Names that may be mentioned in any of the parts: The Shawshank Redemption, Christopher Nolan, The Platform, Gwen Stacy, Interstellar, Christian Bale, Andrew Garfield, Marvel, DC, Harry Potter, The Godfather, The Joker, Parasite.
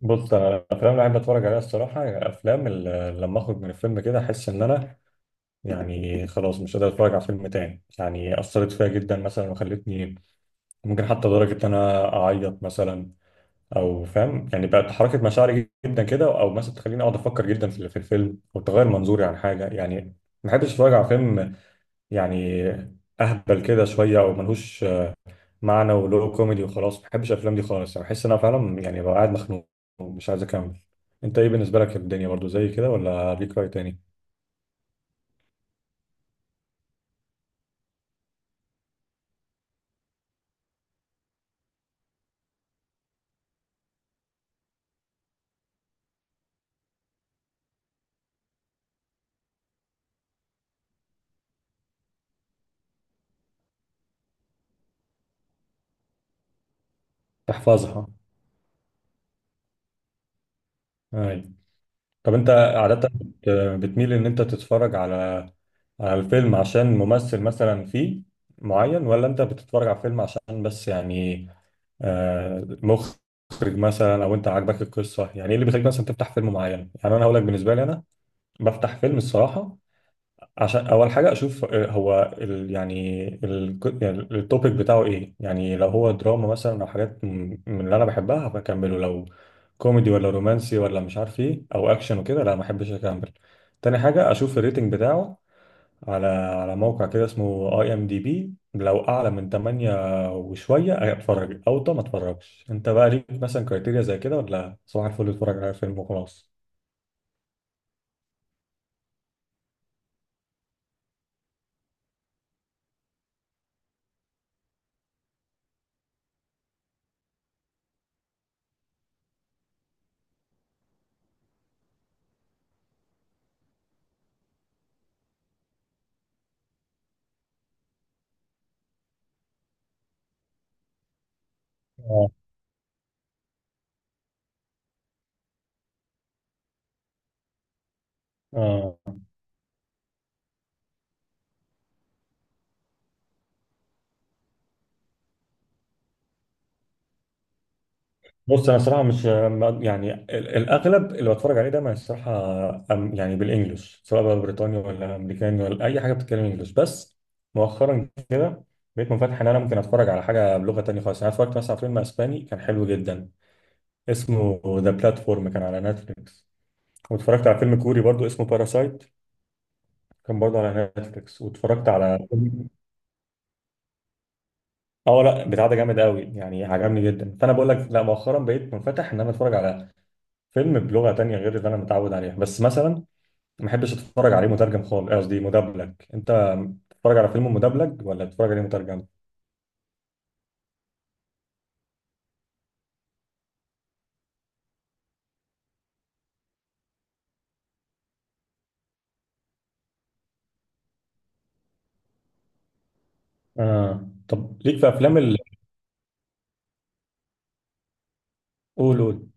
بص، انا الافلام اللي بحب اتفرج عليها الصراحه، يعني الافلام اللي لما اخرج من الفيلم كده احس ان انا يعني خلاص مش قادر اتفرج على فيلم تاني، يعني اثرت فيا جدا مثلا وخلتني ممكن حتى لدرجه ان انا اعيط مثلا، او فاهم، يعني بقت حركه مشاعري جدا كده، او مثلا تخليني اقعد افكر جدا في الفيلم او تغير منظوري عن حاجه يعني. ما بحبش اتفرج على فيلم يعني اهبل كده شويه او ملهوش معنى، ولو كوميدي وخلاص ما بحبش الافلام دي خالص، يعني بحس ان انا فعلا يعني ببقى قاعد مخنوق ومش عايز اكمل. انت ايه بالنسبه لك؟ الدنيا برضو زي كده ولا ليك راي تاني؟ تحفظها. اي. طب انت عاده بتميل ان انت تتفرج على الفيلم عشان ممثل مثلا فيه معين، ولا انت بتتفرج على فيلم عشان بس يعني مخرج مثلا، او انت عاجبك القصه؟ يعني ايه اللي بيخليك مثلا تفتح فيلم معين؟ يعني انا هقول لك بالنسبه لي، انا بفتح فيلم الصراحه عشان اول حاجه اشوف هو ال يعني التوبيك بتاعه ايه، يعني لو هو دراما مثلا او حاجات من اللي انا بحبها بكمله، لو كوميدي ولا رومانسي ولا مش عارف ايه او اكشن وكده لا ما بحبش اكمل. تاني حاجه اشوف الريتنج بتاعه على موقع كده اسمه اي ام دي بي، لو اعلى من 8 وشويه اتفرج، او طب ما اتفرجش. انت بقى ليك مثلا كريتيريا زي كده ولا صباح الفل اتفرج على فيلم وخلاص؟ اه. اه. بص انا صراحه مش يعني الاغلب اللي بتفرج عليه ده ما الصراحه يعني بالانجلش، سواء بقى بريطاني ولا امريكاني ولا اي حاجه بتتكلم انجلش، بس مؤخرا كده بقيت منفتح ان انا ممكن اتفرج على حاجه بلغه تانية خالص. يعني انا اتفرجت مثلا على فيلم اسباني كان حلو جدا اسمه ذا بلاتفورم، كان على نتفليكس، واتفرجت على فيلم كوري برضو اسمه باراسايت، كان برضو على نتفليكس، واتفرجت على فيلم. اه، لا بتاع ده جامد قوي يعني عجبني جدا. فانا بقول لك لا، مؤخرا بقيت منفتح ان انا اتفرج على فيلم بلغة تانية غير اللي أنا متعود عليها، بس مثلا ما بحبش أتفرج عليه مترجم خالص. إيه قصدي؟ مدبلج. أنت بتتفرج على فيلم مدبلج ولا بتتفرج عليه مترجم؟ طب ليك في أفلام ال. قول قول.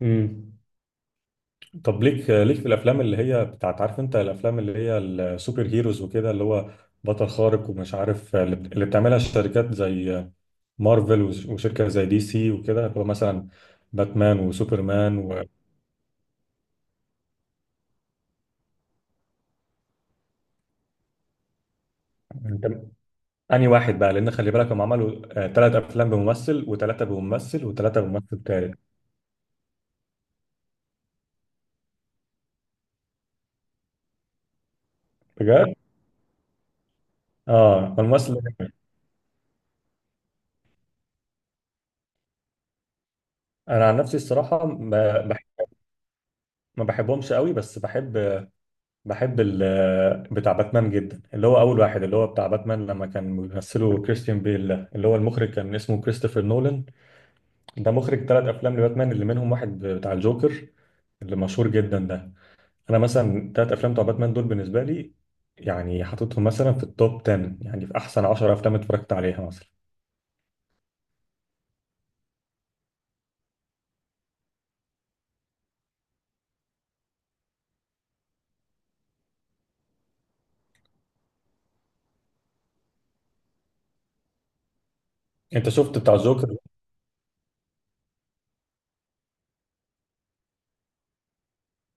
مم. طب ليك في الأفلام اللي هي بتاعت، عارف أنت الأفلام اللي هي السوبر هيروز وكده، اللي هو بطل خارق ومش عارف، اللي اللي بتعملها الشركات زي مارفل وشركة زي دي سي وكده، اللي هو مثلا باتمان وسوبرمان و... انهي واحد بقى؟ لان خلي بالك هم عملوا ثلاث افلام بممثل، وثلاثه بممثل، وثلاثه بممثل ثالث. بجد؟ اه، الممثل ده جامد. انا عن نفسي الصراحه ما بحبهمش قوي، بس بحب بتاع باتمان جدا، اللي هو اول واحد، اللي هو بتاع باتمان لما كان بيمثله كريستيان بيل، ده اللي هو المخرج كان اسمه كريستوفر نولان. ده مخرج ثلاث افلام لباتمان اللي منهم واحد بتاع الجوكر اللي مشهور جدا ده. انا مثلا تلات افلام بتوع باتمان دول بالنسبه لي، يعني حاططهم مثلا في التوب 10، يعني في احسن 10 افلام اتفرجت عليها مثلا. انت شفت بتاع الجوكر؟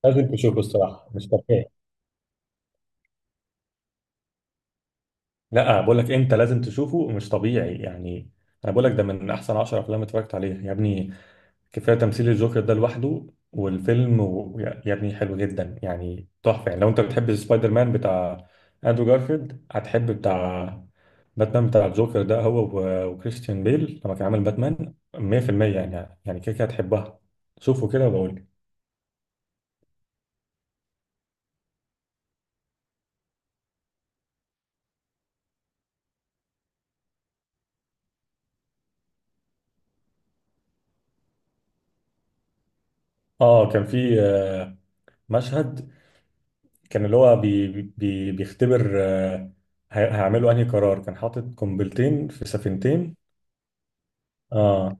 لازم تشوفه، الصراحه مش طبيعي. لا بقول لك انت لازم تشوفه مش طبيعي، يعني انا بقول لك ده من احسن 10 افلام اتفرجت عليها يا ابني. كفايه تمثيل الجوكر ده لوحده والفيلم يا ابني حلو جدا يعني تحفه. يعني لو انت بتحب سبايدر مان بتاع اندرو جارفيلد، هتحب بتاع باتمان بتاع الجوكر ده، هو وكريستيان بيل لما كان عامل باتمان 100%، يعني كده كده هتحبها. شوفوا كده وبقول لي. اه كان في مشهد كان اللي هو بيختبر هيعملوا انهي قرار، كان حاطط قنبلتين في سفينتين. اه.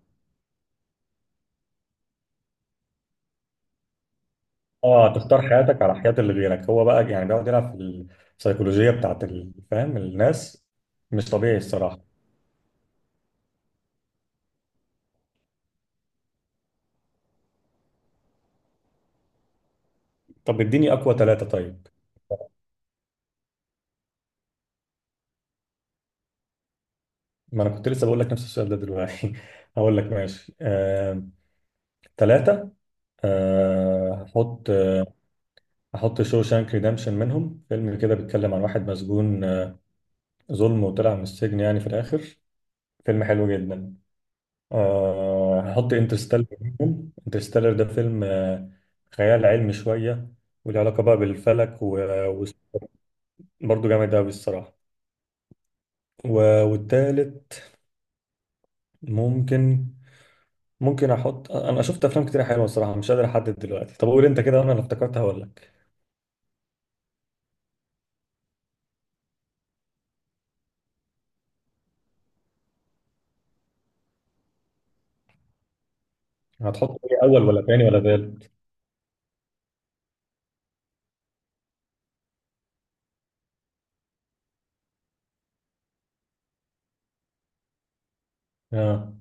اه، تختار حياتك على حياة اللي غيرك. هو بقى يعني بيقعد يلعب في السيكولوجية بتاعت فاهم الناس. مش طبيعي الصراحة. طب اديني أقوى ثلاثة طيب. ما أنا كنت لسه بقول لك نفس السؤال ده دلوقتي هقول لك ماشي، ثلاثة. هحط. هحط شو شانك ريدمشن منهم، فيلم كده بيتكلم عن واحد مسجون ظلم وطلع من السجن يعني في الآخر. فيلم حلو جدا. هحط انترستيلر منهم. انترستيلر ده فيلم خيال علمي شوية، وله علاقة بقى بالفلك، وبرضه جامد أوي الصراحة. والتالت ممكن أحط. أنا شفت أفلام كتير حلوة الصراحة، مش قادر أحدد دلوقتي. طب قول أنت كده وأنا اللي افتكرتها هقول لك. هتحط إيه؟ أول ولا تاني ولا تالت؟ آه.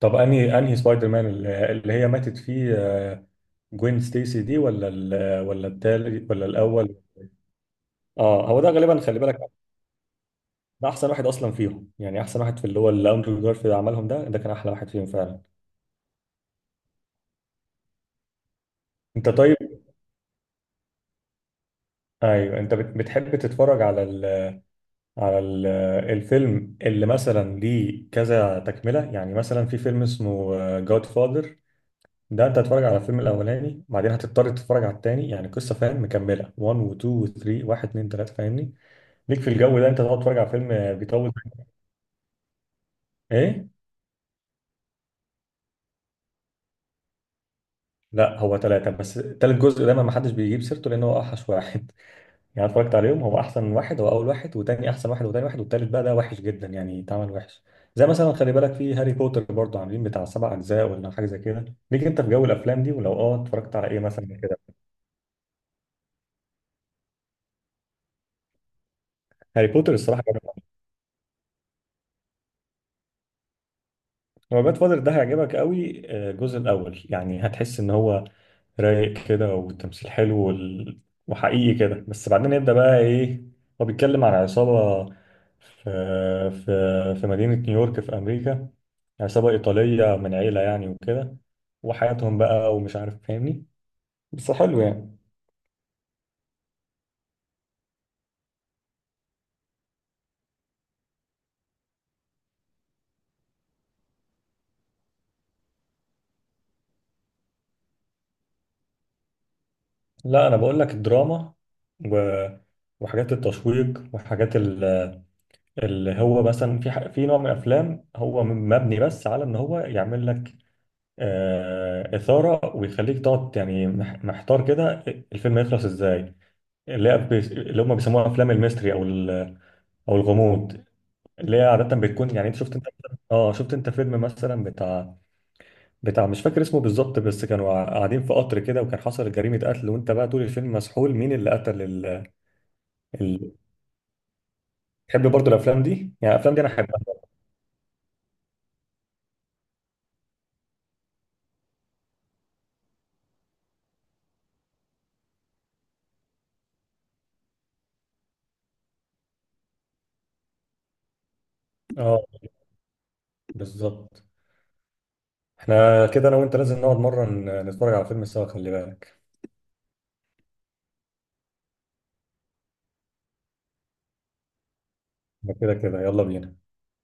طب أنهي سبايدر مان اللي هي ماتت فيه، جوين ستيسي دي، ولا ولا التالت ولا الأول؟ اه هو ده غالبا. خلي بالك ده احسن واحد اصلا فيهم، يعني احسن واحد في اللي هو اللي اندرو جارفيلد عملهم، ده كان احلى واحد فيهم فعلا. انت طيب. ايوه انت بتحب تتفرج على ال على ال الفيلم اللي مثلا ليه كذا تكمله؟ يعني مثلا في فيلم اسمه جاد فاذر، ده انت هتتفرج على الفيلم الاولاني بعدين هتضطر تتفرج على التاني، يعني قصه فاهم مكمله، 1 و 2 و 3، 1 2 3 فاهمني؟ ليك في الجو ده انت تقعد تتفرج على فيلم بيطول؟ ايه؟ لا هو ثلاثه بس، ثالث جزء دايما ما حدش بيجيب سيرته لان هو اوحش واحد. يعني اتفرجت عليهم، هو احسن واحد هو اول واحد، وتاني احسن واحد وتاني واحد، والتالت بقى ده وحش جدا يعني اتعمل وحش. زي مثلا خلي بالك في هاري بوتر برضه عاملين بتاع سبع اجزاء ولا حاجه زي كده. ليك انت في جو الافلام دي؟ ولو اه، اتفرجت على ايه مثلا كده؟ هاري بوتر الصراحه. هو باد فاذر ده هيعجبك قوي، الجزء الاول يعني هتحس ان هو رايق كده، والتمثيل حلو وحقيقي كده، بس بعدين يبدأ بقى ايه، هو بيتكلم عن عصابة في في مدينة نيويورك في أمريكا، عصابة إيطالية من عيلة يعني وكده، وحياتهم بقى ومش عارف فاهمني، بس حلو يعني. لا أنا بقول لك الدراما و... وحاجات التشويق وحاجات، اللي هو مثلا في في نوع من الافلام هو مبني بس على ان هو يعمل لك اثاره ويخليك تقعد يعني محتار كده الفيلم يخلص ازاي. اللي هي اللي هم بيسموها افلام الميستري او او الغموض، اللي هي عاده بتكون يعني. انت شفت انت؟ اه شفت انت فيلم مثلا بتاع مش فاكر اسمه بالظبط، بس كانوا قاعدين في قطر كده وكان حصل جريمه قتل، وانت بقى طول الفيلم مسحول مين اللي قتل ال... تحب برضه الافلام دي؟ يعني الافلام دي انا احبها. اه بالظبط. احنا كده انا وانت لازم نقعد مرة نتفرج على فيلم سوا خلي بالك. ده كده كده، يلا بينا.